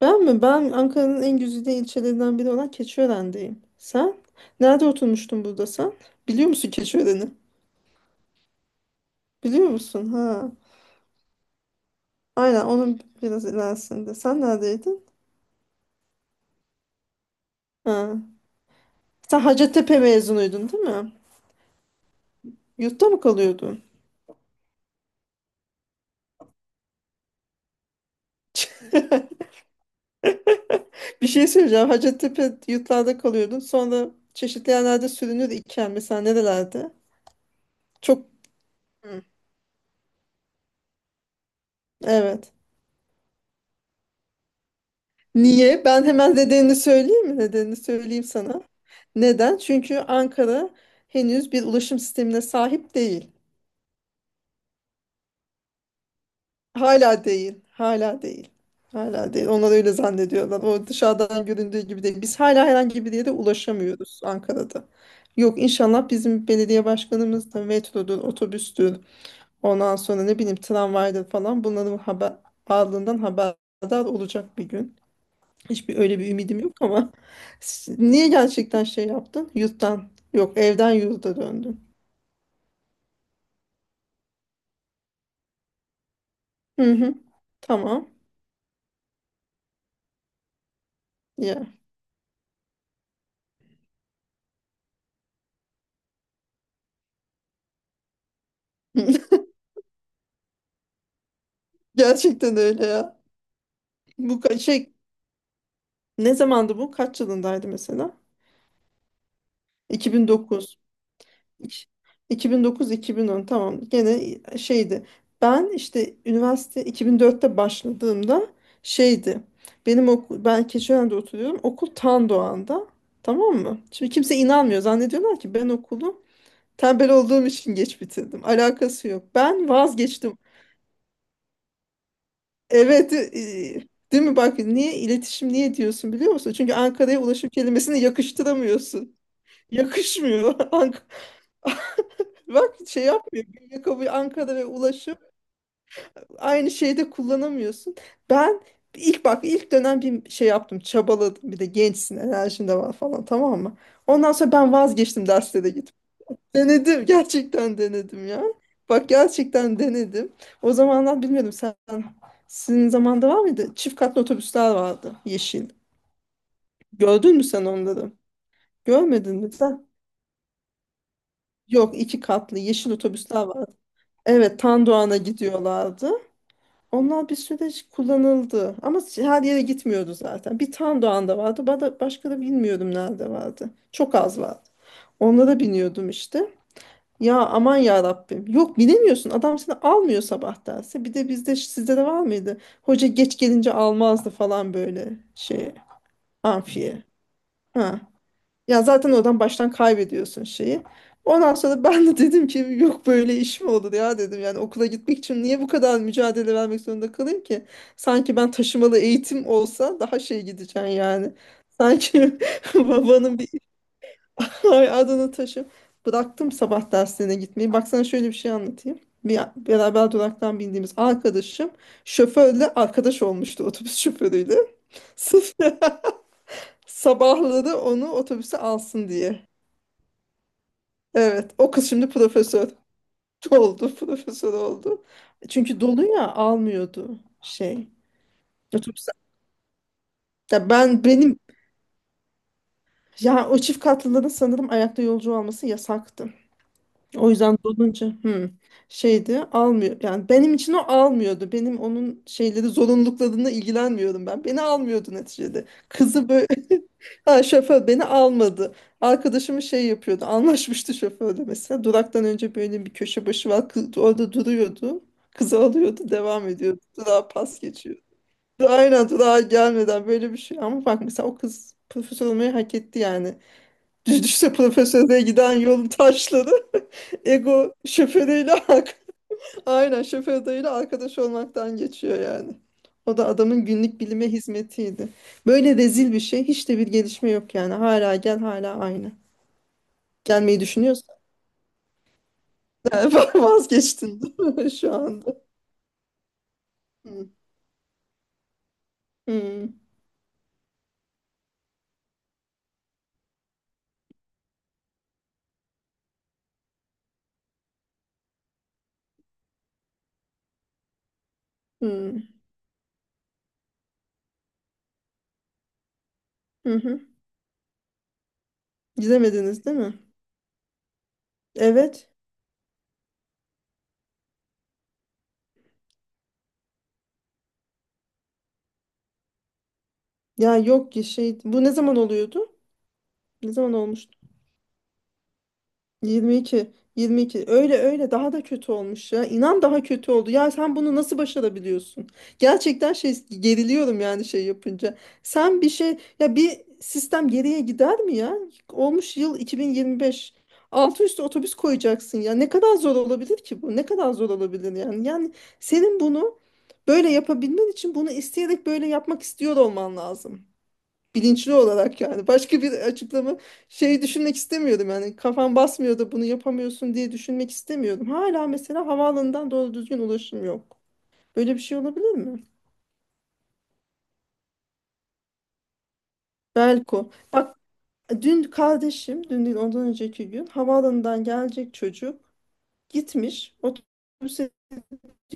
Ben mi? Ben Ankara'nın en güzide ilçelerinden biri olan Keçiören'deyim. Sen? Nerede oturmuştun burada sen? Biliyor musun Keçiören'i? Biliyor musun? Ha. Aynen onun biraz ilerisinde. Sen neredeydin? Ha. Sen Hacettepe mezunuydun değil mi? Yurtta mı kalıyordun? Bir şey söyleyeceğim. Hacettepe yurtlarda kalıyordun. Sonra çeşitli yerlerde sürünür iken mesela nerelerde? Çok. Hı. Evet. Niye? Ben hemen nedenini söyleyeyim mi? Nedenini söyleyeyim sana. Neden? Çünkü Ankara henüz bir ulaşım sistemine sahip değil. Hala değil. Hala değil. Hala değil. Onlar öyle zannediyorlar. O dışarıdan göründüğü gibi değil. Biz hala herhangi bir yere ulaşamıyoruz Ankara'da. Yok, inşallah bizim belediye başkanımız da metrodur, otobüstür, ondan sonra ne bileyim tramvaydır falan bunların haber, varlığından haberdar olacak bir gün. Hiçbir öyle bir ümidim yok ama s- niye gerçekten şey yaptın? Yurttan, yok, evden yurda döndün. Hı hı. Tamam. Ya. Gerçekten öyle ya. Bu ka- şey, ne zamandı bu? Kaç yılındaydı mesela? 2009. İki- 2009-2010, tamam. Gene şeydi. Ben işte üniversite 2004'te başladığımda şeydi. Benim okul, ben Keçiören'de oturuyorum. Okul Tan Doğan'da. Tamam mı? Şimdi kimse inanmıyor. Zannediyorlar ki ben okulu tembel olduğum için geç bitirdim. Alakası yok. Ben vazgeçtim. Evet, değil mi? Bak niye iletişim niye diyorsun biliyor musun? Çünkü Ankara'ya ulaşım kelimesini yakıştıramıyorsun. Yakışmıyor. Ank-. Bak şey yapmıyor. Bünyekabı Ankara ve ulaşım aynı şeyde kullanamıyorsun. Ben ilk bak ilk dönem bir şey yaptım. Çabaladım. Bir de gençsin. Enerjin de var falan, tamam mı? Ondan sonra ben vazgeçtim derslere gitmekten. Denedim. Gerçekten denedim ya. Bak gerçekten denedim. O zamanlar bilmiyordum sen. Sizin zamanda var mıydı? Çift katlı otobüsler vardı. Yeşil. Gördün mü sen onları? Görmedin mi sen? Yok, iki katlı yeşil otobüsler vardı. Evet, Tandoğan'a gidiyorlardı. Onlar bir süre kullanıldı. Ama her yere gitmiyordu zaten. Bir Tandoğan'da vardı. Ba- da- Başka da bilmiyorum nerede vardı. Çok az vardı. Onlara biniyordum işte. Ya aman ya Rabbim. Yok bilemiyorsun. Adam seni almıyor sabah derse. Bir de bizde sizde de var mıydı? Hoca geç gelince almazdı falan böyle şey, amfiye. Ha. Ya zaten oradan baştan kaybediyorsun şeyi. Ondan sonra ben de dedim ki yok böyle iş mi olur ya dedim. Yani okula gitmek için niye bu kadar mücadele vermek zorunda kalayım ki? Sanki ben taşımalı eğitim olsa daha şey gideceğim yani. Sanki babanın bir. Ay Adana taşı. Bıraktım sabah derslerine gitmeyi. Baksana şöyle bir şey anlatayım. Bir beraber duraktan bindiğimiz arkadaşım şoförle arkadaş olmuştu, otobüs şoförüyle. Sırf sabahları onu otobüse alsın diye. Evet, o kız şimdi profesör oldu, profesör oldu. Çünkü dolu ya, almıyordu şey. Otobüse. Ya ben benim, ya o çift katlıların sanırım ayakta yolcu alması yasaktı. O yüzden dolunca hı, şeydi almıyor. Yani benim için o almıyordu. Benim onun şeyleri, zorunluluklarına ilgilenmiyorum ben. Beni almıyordu neticede. Kızı böyle ha, şoför beni almadı. Arkadaşımı şey yapıyordu. Anlaşmıştı şoförle mesela. Duraktan önce böyle bir köşe başı var. Kız orada duruyordu. Kızı alıyordu. Devam ediyordu. Durağa pas geçiyor. Aynen durağa gelmeden böyle bir şey. Ama bak mesela o kız profesör olmayı hak etti yani. Düşse profesöre giden yolun taşları ego şoförüyle ark- aynen şoförüyle arkadaş olmaktan geçiyor yani. O da adamın günlük bilime hizmetiydi. Böyle rezil bir şey, hiç de bir gelişme yok yani. Hala gel hala aynı. Gelmeyi düşünüyorsan vazgeçtin değil mi şu anda? Hı. Hı. Hı. Hı hı. Gidemediniz değil mi? Evet. Ya yok ki şey, bu ne zaman oluyordu? Ne zaman olmuştu? 22. 22 öyle öyle daha da kötü olmuş ya. İnan daha kötü oldu. Ya sen bunu nasıl başarabiliyorsun? Gerçekten şey geriliyorum yani şey yapınca. Sen bir şey ya, bir sistem geriye gider mi ya? Olmuş yıl 2025. Altı üstü otobüs koyacaksın ya. Ne kadar zor olabilir ki bu? Ne kadar zor olabilir yani? Yani senin bunu böyle yapabilmen için bunu isteyerek böyle yapmak istiyor olman lazım, bilinçli olarak, yani başka bir açıklama şey düşünmek istemiyordum yani, kafam basmıyor da bunu yapamıyorsun diye düşünmek istemiyordum. Hala mesela havaalanından doğru düzgün ulaşım yok. Böyle bir şey olabilir mi? Belko. Bak dün kardeşim, dün değil ondan önceki gün, havaalanından gelecek çocuk gitmiş otobüse,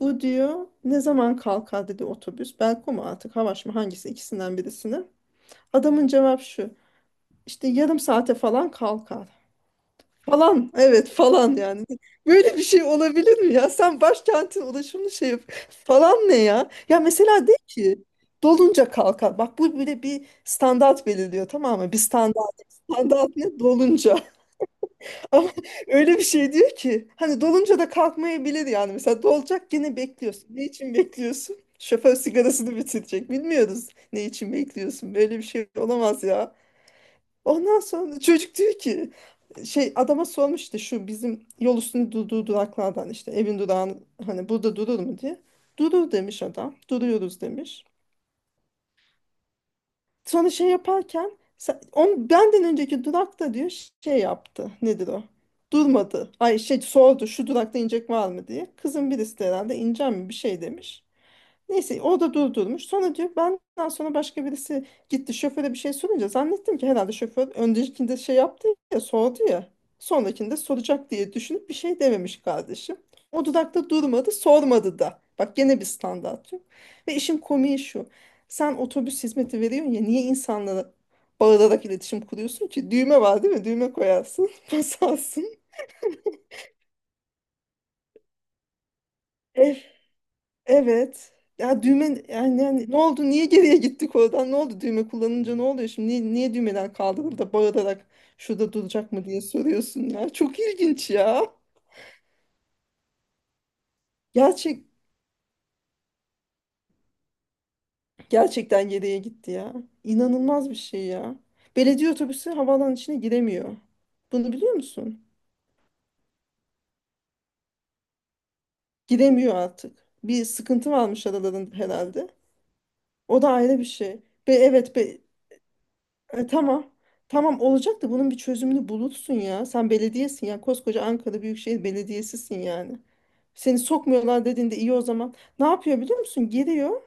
bu diyor ne zaman kalkar dedi otobüs. Belko mu artık Havaş mı, hangisi, ikisinden birisine. Adamın cevap şu, işte yarım saate falan kalkar. Falan, evet falan yani. Böyle bir şey olabilir mi ya? Sen başkentin ulaşımını şey yap. Falan ne ya? Ya mesela de ki dolunca kalkar. Bak bu böyle bir standart belirliyor, tamam mı? Bir standart. Standart ne? Dolunca. Ama öyle bir şey diyor ki hani dolunca da kalkmayabilir yani. Mesela dolacak gene bekliyorsun. Ne için bekliyorsun? Şoför sigarasını bitirecek. Bilmiyoruz ne için bekliyorsun. Böyle bir şey olamaz ya. Ondan sonra çocuk diyor ki şey, adama sormuş işte şu bizim yol üstünde durduğu duraklardan işte evin durağın hani burada durur mu diye. Durur demiş adam. Duruyoruz demiş. Sonra şey yaparken sen- on, benden önceki durakta diyor şey yaptı. Nedir o? Durmadı. Ay şey sordu, şu durakta inecek var mı diye. Kızın birisi de herhalde ineceğim mi bir şey demiş. Neyse o da durdurmuş. Sonra diyor benden sonra başka birisi gitti şoföre bir şey sorunca zannettim ki herhalde şoför öndekinde şey yaptı ya, sordu ya. Sonrakinde soracak diye düşünüp bir şey dememiş kardeşim. O dudakta durmadı, sormadı da. Bak gene bir standart yok. Ve işin komiği şu. Sen otobüs hizmeti veriyorsun ya, niye insanlara bağırarak iletişim kuruyorsun ki? Düğme var değil mi? Düğme koyarsın. Basarsın. Evet. Ya düğme yani, yani ne oldu? Niye geriye gittik oradan? Ne oldu? Düğme kullanınca ne oluyor şimdi? Niye düğmeler kaldırıldı da bağırarak şurada duracak mı diye soruyorsun ya. Çok ilginç ya. Gerçek gerçekten geriye gitti ya. İnanılmaz bir şey ya. Belediye otobüsü havaalanının içine giremiyor. Bunu biliyor musun? Giremiyor artık. Bir sıkıntı varmış aralarında herhalde. O da ayrı bir şey. Ve evet be, tamam. Tamam olacak da bunun bir çözümünü bulursun ya. Sen belediyesin ya. Koskoca Ankara Büyükşehir Belediyesi'sin yani. Seni sokmuyorlar dediğinde iyi o zaman. Ne yapıyor biliyor musun? Giriyor.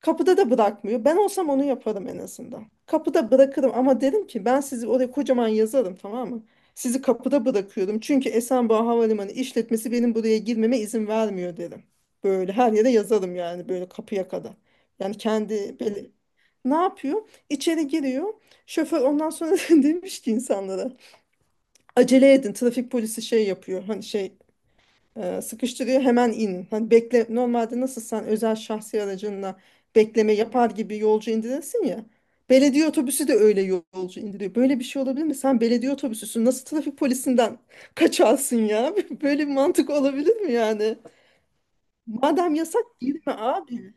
Kapıda da bırakmıyor. Ben olsam onu yaparım en azından. Kapıda bırakırım ama derim ki ben sizi oraya kocaman yazarım, tamam mı? Sizi kapıda bırakıyorum. Çünkü Esenboğa Havalimanı işletmesi benim buraya girmeme izin vermiyor derim. Böyle her yere yazarım yani, böyle kapıya kadar. Yani kendi böyle ne yapıyor? İçeri giriyor. Şoför ondan sonra demiş ki insanlara acele edin, trafik polisi şey yapıyor. Hani şey sıkıştırıyor, hemen in. Hani bekle normalde nasıl sen özel şahsi aracınla bekleme yapar gibi yolcu indirirsin ya. Belediye otobüsü de öyle yol- yolcu indiriyor. Böyle bir şey olabilir mi? Sen belediye otobüsüsün. Nasıl trafik polisinden kaçarsın ya? Böyle bir mantık olabilir mi yani? Madem yasak girme abi.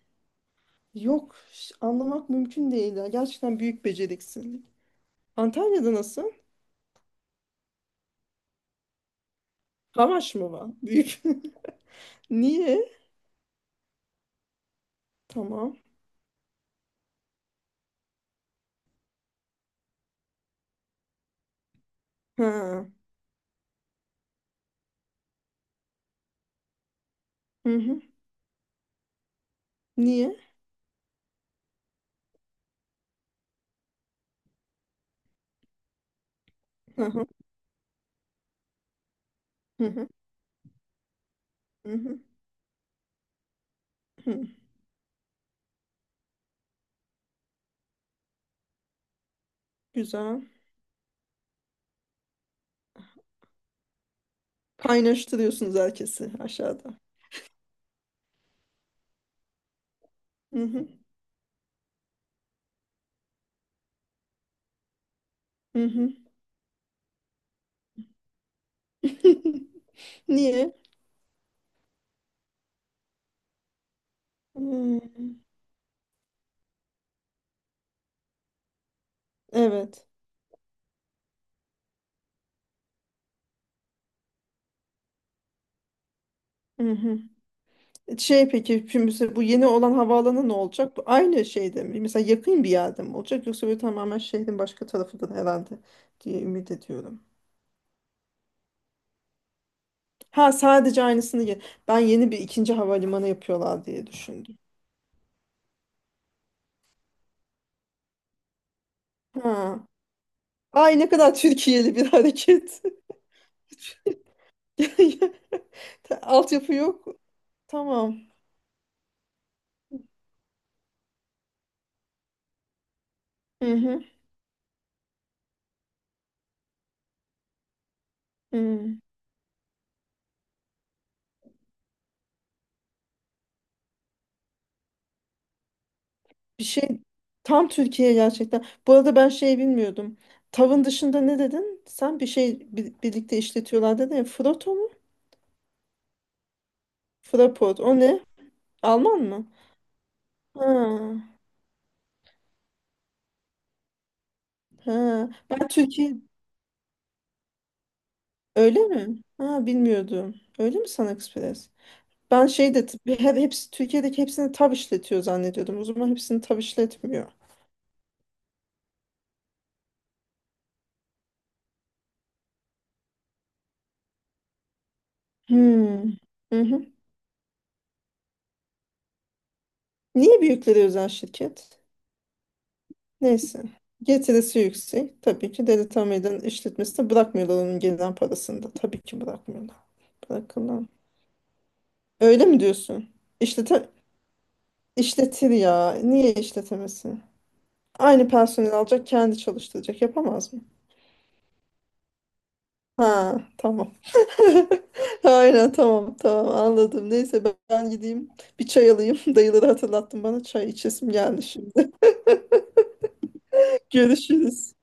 Yok, ş- anlamak mümkün değil ya. Gerçekten büyük beceriksizlik. Antalya'da nasıl? Havaş mı var? Büyük. Niye? Tamam. Ha. Hı hı. Niye? Hı hı. Hı hı. Hı hı. Hı, güzel. Kaynaştırıyorsunuz herkesi aşağıda. Hı hı, hı hı. Niye? Hmm, evet. Hı hı. Şey peki şimdi mesela bu yeni olan havaalanı ne olacak? Bu aynı şeyde mi? Mesela yakın bir yerde mi olacak? Yoksa böyle tamamen şehrin başka tarafından herhalde diye ümit ediyorum. Ha, sadece aynısını ye- ben yeni bir ikinci havalimanı yapıyorlar diye düşündüm. Ha. Ay ne kadar Türkiye'li bir hareket. Altyapı yok. Tamam. Hı hı. Hı. Bir şey, tam Türkiye gerçekten. Bu arada ben şey bilmiyordum. Tavın dışında ne dedin? Sen bir şey bi- birlikte işletiyorlar dedin ya. Frotto mu? Fraport. O ne? Alman mı? Ha, ha. Ben Türkiye öyle mi? Ha, bilmiyordum. Öyle mi Sun Express? Ben şey de bir- her hepsi Türkiye'deki hepsini tav işletiyor zannediyordum. O zaman hepsini tav işletmiyor. Hmm. Hı hı. Niye büyükleri özel şirket? Neyse. Getirisi yüksek. Tabii ki Deli Tamir'den işletmesine bırakmıyorlar, onun gelen parasını da. Tabii ki bırakmıyorlar. Bırakırlar. Öyle mi diyorsun? İşlete işletir ya. Niye işletemesin? Aynı personel alacak, kendi çalıştıracak. Yapamaz mı? Ha, tamam. Aynen tamam tamam anladım. Neyse ben gideyim bir çay alayım. Dayıları hatırlattın bana, çay içesim geldi şimdi. Görüşürüz.